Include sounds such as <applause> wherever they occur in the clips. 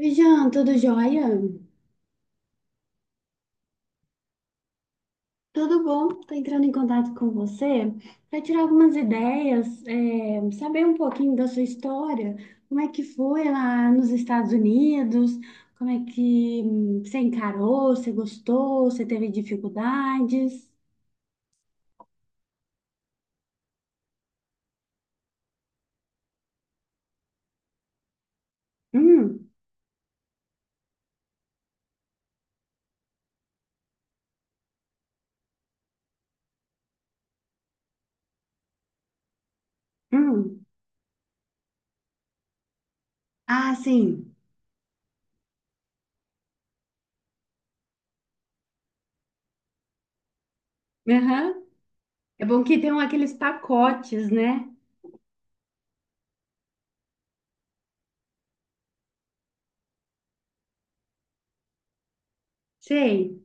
Oi, Jean, tudo jóia? Tudo bom? Estou entrando em contato com você para tirar algumas ideias, saber um pouquinho da sua história, como é que foi lá nos Estados Unidos, como é que você encarou, você gostou, você teve dificuldades? Hum, hum. Ah, sim. Aham. É bom que tem aqueles pacotes, né? Sei.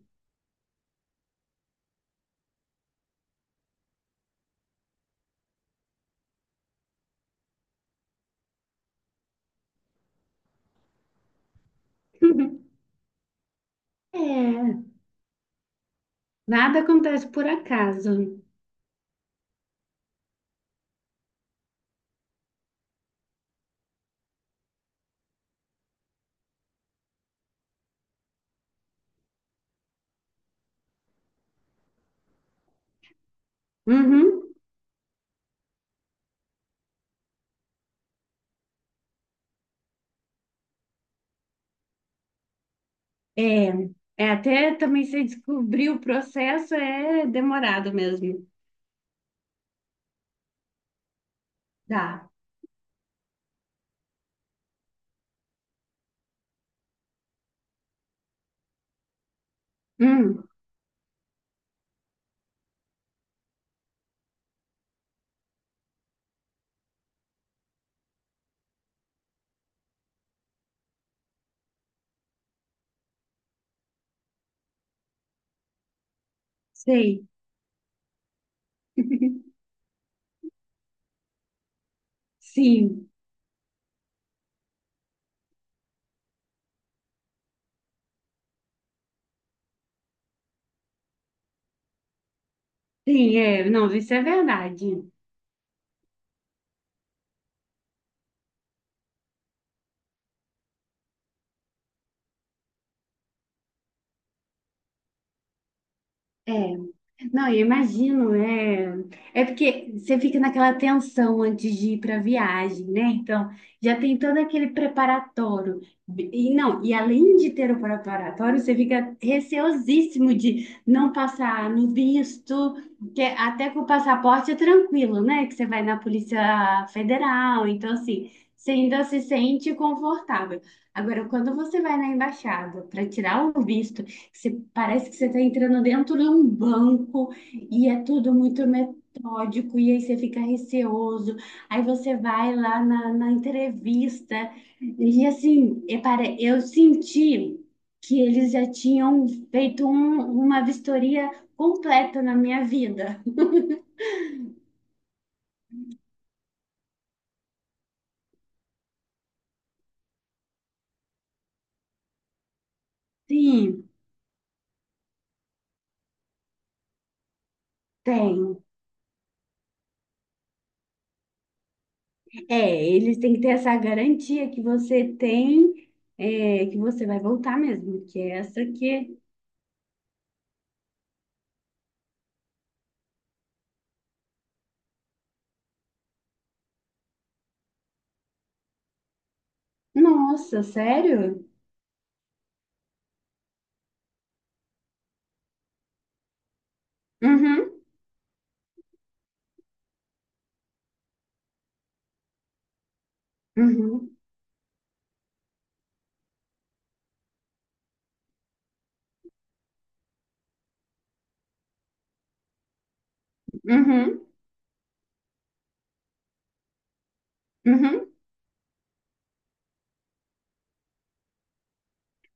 <laughs> É, nada acontece por acaso. Uhum. É, é até também você descobrir o processo é demorado mesmo. Tá. Hum, sei. <laughs> Sim, sim, é. Não, isso é verdade. É. Não, eu imagino. É, é porque você fica naquela tensão antes de ir para a viagem, né? Então, já tem todo aquele preparatório. E não, e além de ter o preparatório, você fica receosíssimo de não passar no visto, que é até com o passaporte é tranquilo, né? Que você vai na Polícia Federal, então assim, você ainda se sente confortável. Agora, quando você vai na embaixada para tirar o visto, você, parece que você está entrando dentro de um banco e é tudo muito metódico, e aí você fica receoso. Aí você vai lá na, na entrevista, e assim, e eu senti que eles já tinham feito uma vistoria completa na minha vida. Sim, tem. É, eles têm que ter essa garantia que você tem, é, que você vai voltar mesmo, que é essa que. Nossa, sério? Uhum. Uhum, uhum, uhum.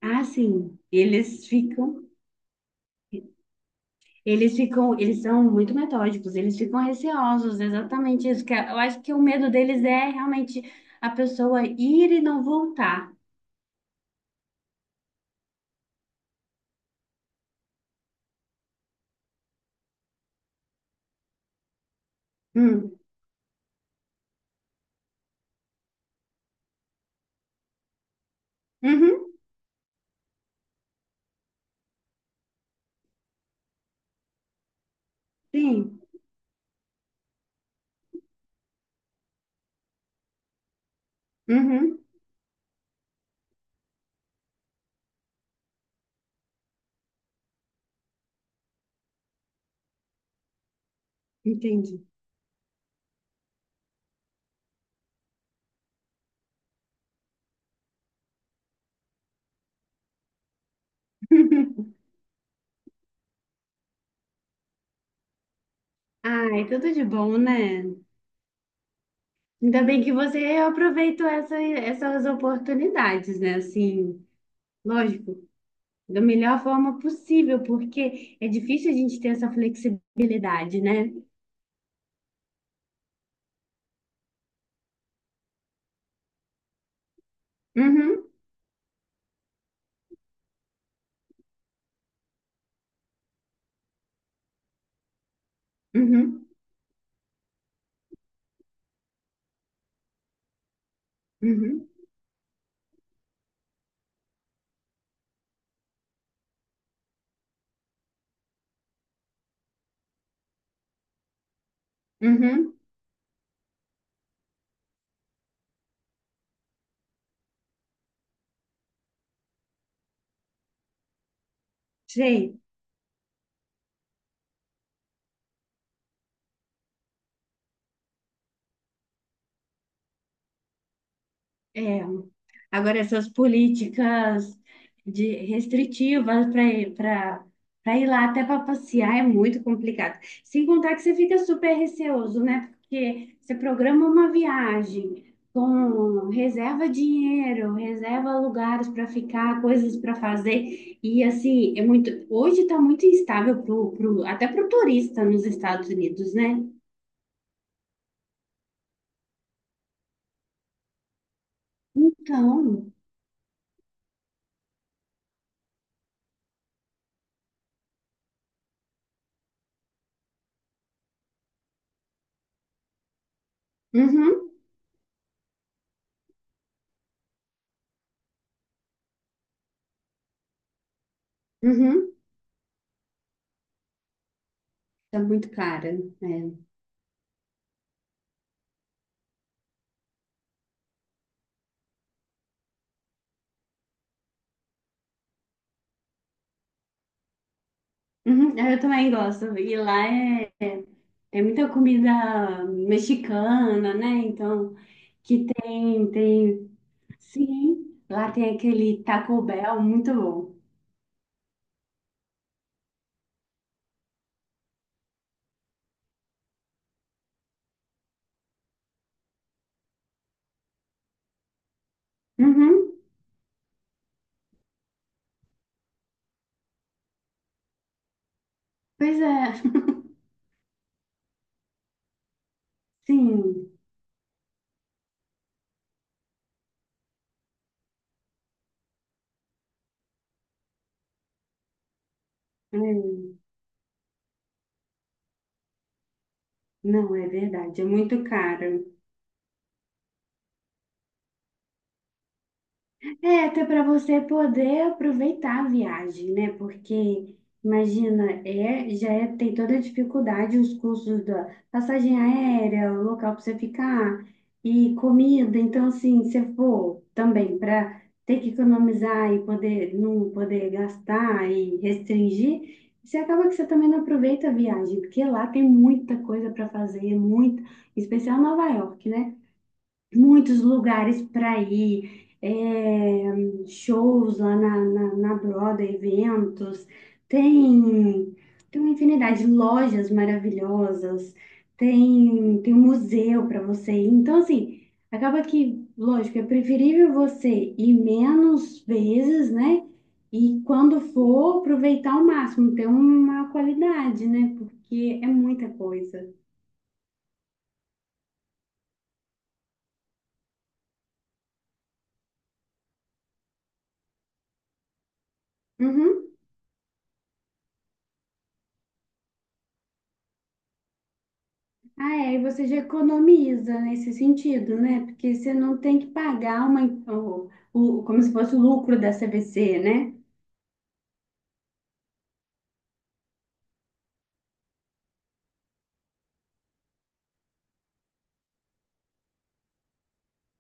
Ah, sim. Eles ficam, eles são muito metódicos, eles ficam receosos, exatamente isso. Eu acho que o medo deles é realmente a pessoa ir e não voltar. Hum, Uhum, sim, uhum, entendi. <laughs> Ai, tudo de bom, né? Ainda bem que você aproveitou essas oportunidades, né? Assim, lógico, da melhor forma possível, porque é difícil a gente ter essa flexibilidade, né? Uhum, uhum, uhum, uhum. Sei. É. Agora, essas políticas de restritivas para para ir lá até para passear é muito complicado. Sem contar que você fica super receoso, né? Porque você programa uma viagem com reserva dinheiro, reserva lugares para ficar, coisas para fazer. E assim, é muito. Hoje está muito instável até para o turista nos Estados Unidos, né? Então, uhum, uhum, tá muito cara, né? Uhum, é, eu também gosto. E lá é, é muita comida mexicana, né? Então, que tem, tem. Sim, lá tem aquele Taco Bell muito bom. Uhum, pois é, sim. É, não, é verdade, é muito caro. É, até para você poder aproveitar a viagem, né? Porque, imagina, é, tem toda a dificuldade, os custos da passagem aérea, o local para você ficar e comida. Então, assim, se for também para ter que economizar e poder não poder gastar e restringir, você acaba que você também não aproveita a viagem, porque lá tem muita coisa para fazer, muito, em especial Nova York, né? Muitos lugares para ir, é, shows lá na Broadway, eventos, tem, tem uma infinidade de lojas maravilhosas, tem, tem um museu para você ir. Então, assim, acaba que, lógico, é preferível você ir menos vezes, né? E quando for, aproveitar ao máximo, ter uma qualidade, né? Porque é muita coisa. Uhum. Ah, é, e você já economiza nesse sentido, né? Porque você não tem que pagar uma, como se fosse o lucro da CVC, né?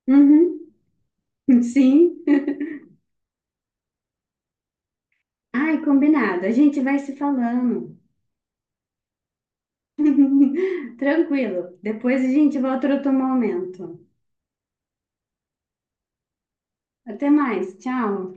Uhum, <laughs> sim. Ai, combinado. A gente vai se falando. <laughs> Tranquilo. Depois a gente volta outro momento. Até mais. Tchau.